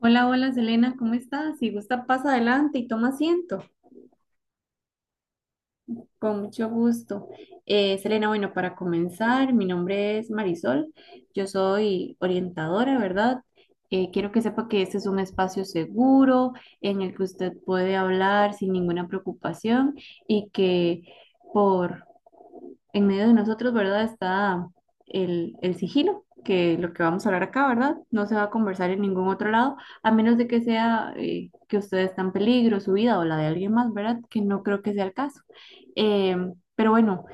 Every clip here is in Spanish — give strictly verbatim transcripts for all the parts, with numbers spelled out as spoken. Hola, hola Selena, ¿cómo estás? Si gusta, pasa adelante y toma asiento. Con mucho gusto. Eh, Selena, bueno, para comenzar, mi nombre es Marisol, yo soy orientadora, ¿verdad? Eh, quiero que sepa que este es un espacio seguro en el que usted puede hablar sin ninguna preocupación y que por en medio de nosotros, ¿verdad? Está el, el sigilo, que lo que vamos a hablar acá, ¿verdad? No se va a conversar en ningún otro lado, a menos de que sea eh, que usted está en peligro, su vida o la de alguien más, ¿verdad? Que no creo que sea el caso. Eh, pero bueno,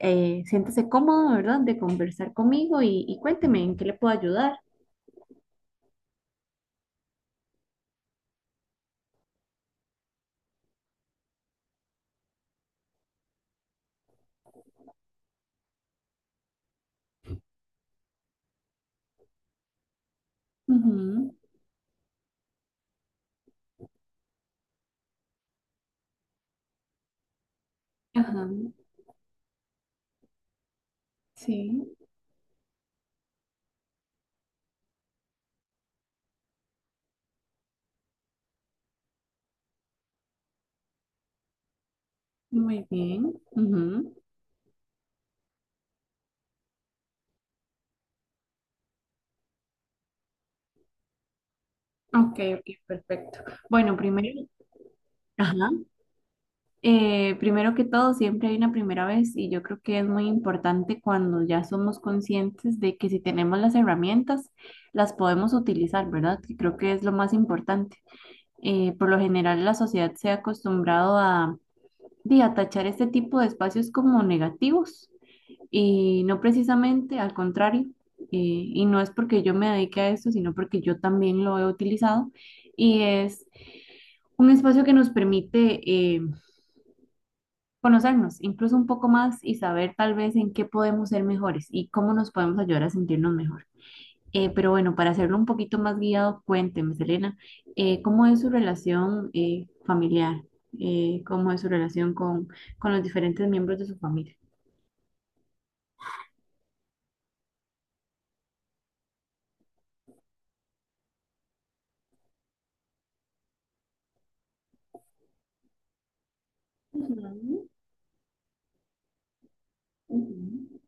eh, siéntese cómodo, ¿verdad? De conversar conmigo y, y cuénteme en qué le puedo ayudar. Ujú, ajá, sí, muy bien. Ujú. Ok, ok, perfecto. Bueno, primero, ajá. Eh, primero que todo, siempre hay una primera vez y yo creo que es muy importante cuando ya somos conscientes de que si tenemos las herramientas, las podemos utilizar, ¿verdad? Que creo que es lo más importante. Eh, por lo general, la sociedad se ha acostumbrado a, di, a tachar este tipo de espacios como negativos y no precisamente al contrario. Eh, y no es porque yo me dedique a esto, sino porque yo también lo he utilizado y es un espacio que nos permite eh, conocernos incluso un poco más y saber tal vez en qué podemos ser mejores y cómo nos podemos ayudar a sentirnos mejor. Eh, pero bueno, para hacerlo un poquito más guiado, cuénteme, Selena, eh, ¿cómo es su relación eh, familiar? Eh, ¿cómo es su relación con, con los diferentes miembros de su familia? Ujú.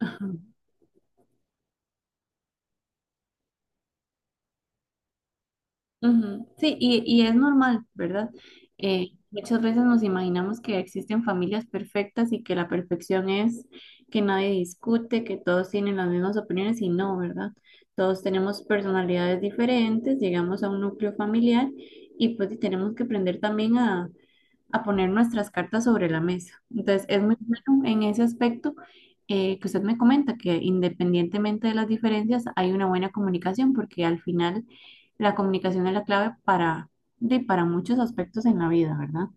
Ujú, sí, y, y es normal, ¿verdad? Eh, muchas veces nos imaginamos que existen familias perfectas y que la perfección es que nadie discute, que todos tienen las mismas opiniones y no, ¿verdad? Todos tenemos personalidades diferentes, llegamos a un núcleo familiar y pues y tenemos que aprender también a poner nuestras cartas sobre la mesa. Entonces, es muy bueno en ese aspecto eh, que usted me comenta, que independientemente de las diferencias, hay una buena comunicación, porque al final la comunicación es la clave para, de, para muchos aspectos en la vida, ¿verdad?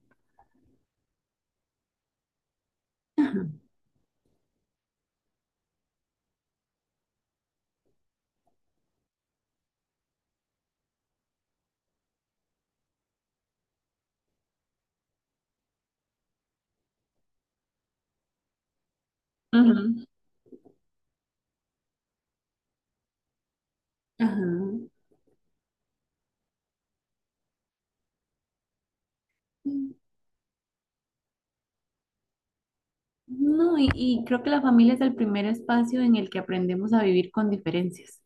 Ujú. Ajá. No, y, y creo que la familia es el primer espacio en el que aprendemos a vivir con diferencias.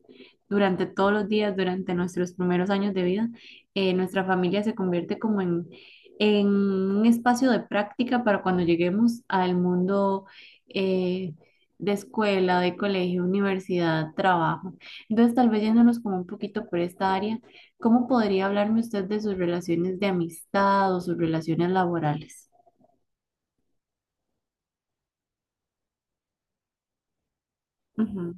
Durante todos los días, durante nuestros primeros años de vida, eh, nuestra familia se convierte como en, en un espacio de práctica para cuando lleguemos al mundo eh, de escuela, de colegio, universidad, trabajo. Entonces, tal vez yéndonos como un poquito por esta área, ¿cómo podría hablarme usted de sus relaciones de amistad o sus relaciones laborales? Ujú,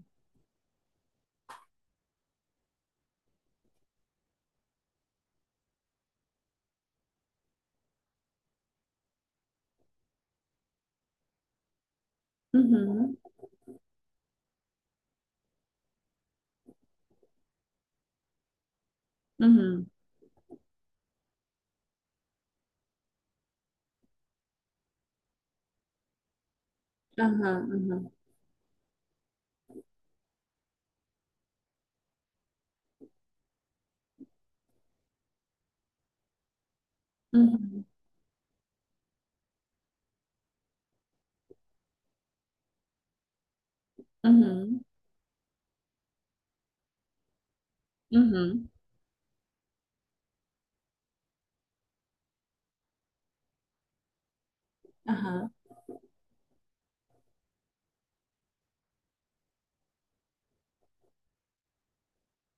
ujú, ujú. Ajá, ajá, ujú, ujú, ujú, ajá,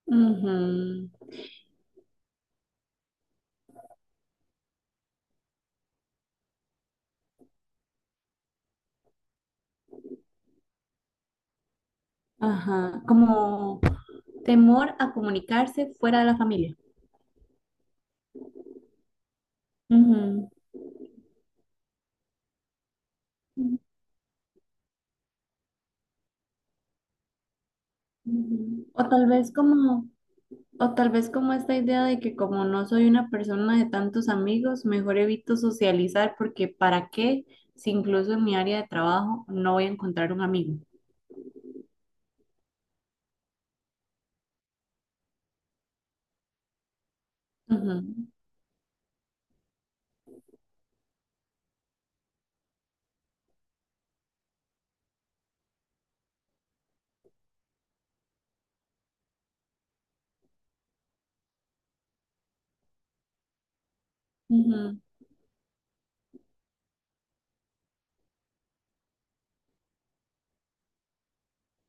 ujú, ajá. Como temor a comunicarse fuera de la familia. Ujú, ujú. O tal vez como, o tal vez como esta idea de que como no soy una persona de tantos amigos, mejor evito socializar porque ¿para qué? Si incluso en mi área de trabajo no voy a encontrar un amigo. Ujú, ujú,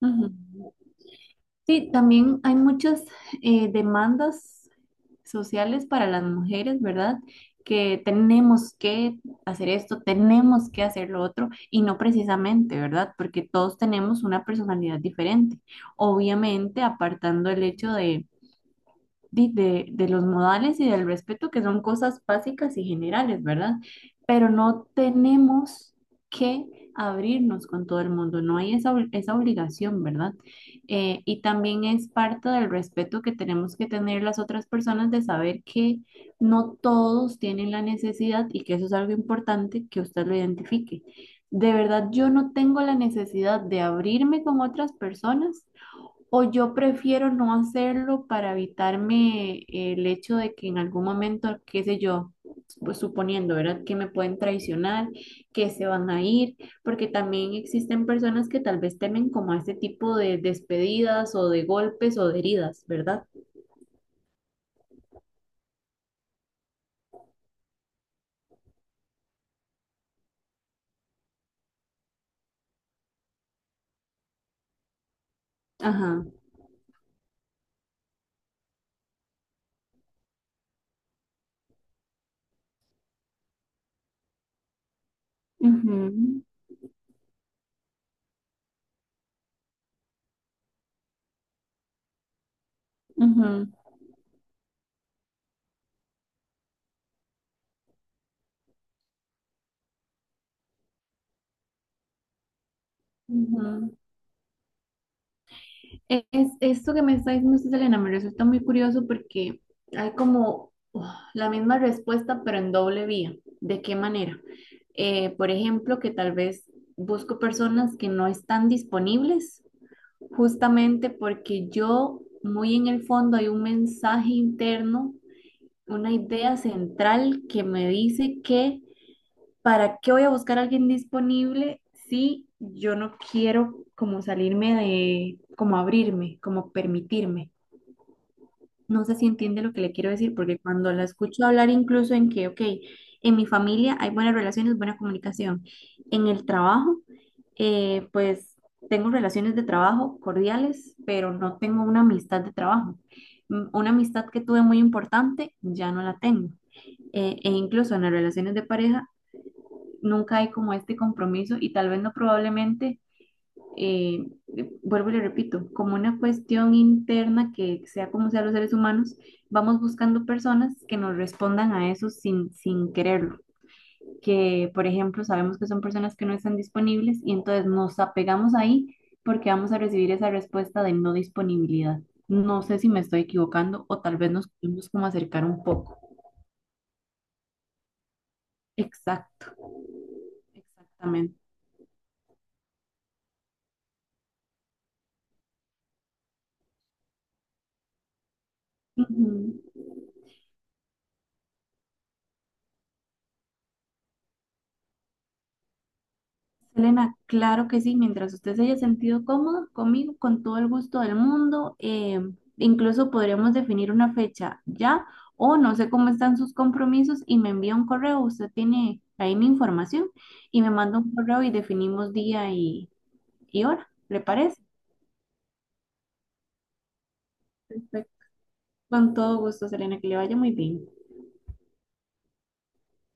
ujú. Sí, también hay muchas eh, demandas sociales para las mujeres, ¿verdad? Que tenemos que hacer esto, tenemos que hacer lo otro, y no precisamente, ¿verdad? Porque todos tenemos una personalidad diferente. Obviamente, apartando el hecho de di- de, de los modales y del respeto, que son cosas básicas y generales, ¿verdad? Pero no tenemos que abrirnos con todo el mundo, no hay esa, ob- esa obligación, ¿verdad? Eh, y también es parte del respeto que tenemos que tener las otras personas de saber que no todos tienen la necesidad y que eso es algo importante que usted lo identifique. De verdad, yo no tengo la necesidad de abrirme con otras personas o yo prefiero no hacerlo para evitarme el hecho de que en algún momento, qué sé yo, pues suponiendo, ¿verdad? Que me pueden traicionar, que se van a ir, porque también existen personas que tal vez temen como a este tipo de despedidas o de golpes o de heridas, ¿verdad? Ajá. Ujú, ujú, ujú. Es, Esto que me está diciendo usted, Elena, me resulta muy curioso porque hay como uf, la misma respuesta, pero en doble vía. ¿De qué manera? Eh, por ejemplo, que tal vez busco personas que no están disponibles justamente porque yo, muy en el fondo, hay un mensaje interno, una idea central que me dice que ¿para qué voy a buscar a alguien disponible si yo no quiero como salirme de, como abrirme, como permitirme? No sé si entiende lo que le quiero decir, porque cuando la escucho hablar incluso en que, ok, en mi familia hay buenas relaciones, buena comunicación, en el trabajo, eh, pues tengo relaciones de trabajo cordiales, pero no tengo una amistad de trabajo. Mm, una amistad que tuve muy importante, ya no la tengo eh, e incluso en las relaciones de pareja nunca hay como este compromiso y tal vez no probablemente, eh, vuelvo y le repito, como una cuestión interna que sea como sea los seres humanos, vamos buscando personas que nos respondan a eso sin, sin quererlo, que por ejemplo sabemos que son personas que no están disponibles y entonces nos apegamos ahí porque vamos a recibir esa respuesta de no disponibilidad. No sé si me estoy equivocando o tal vez nos podemos como acercar un poco. Exacto, exactamente. Uh -huh. Selena, claro que sí, mientras usted se haya sentido cómodo conmigo, con todo el gusto del mundo, eh, incluso podríamos definir una fecha ya o no sé cómo están sus compromisos y me envía un correo, usted tiene ahí mi información y me manda un correo y definimos día y, y hora, ¿le parece? Perfecto. Con todo gusto, Selena, que le vaya muy bien.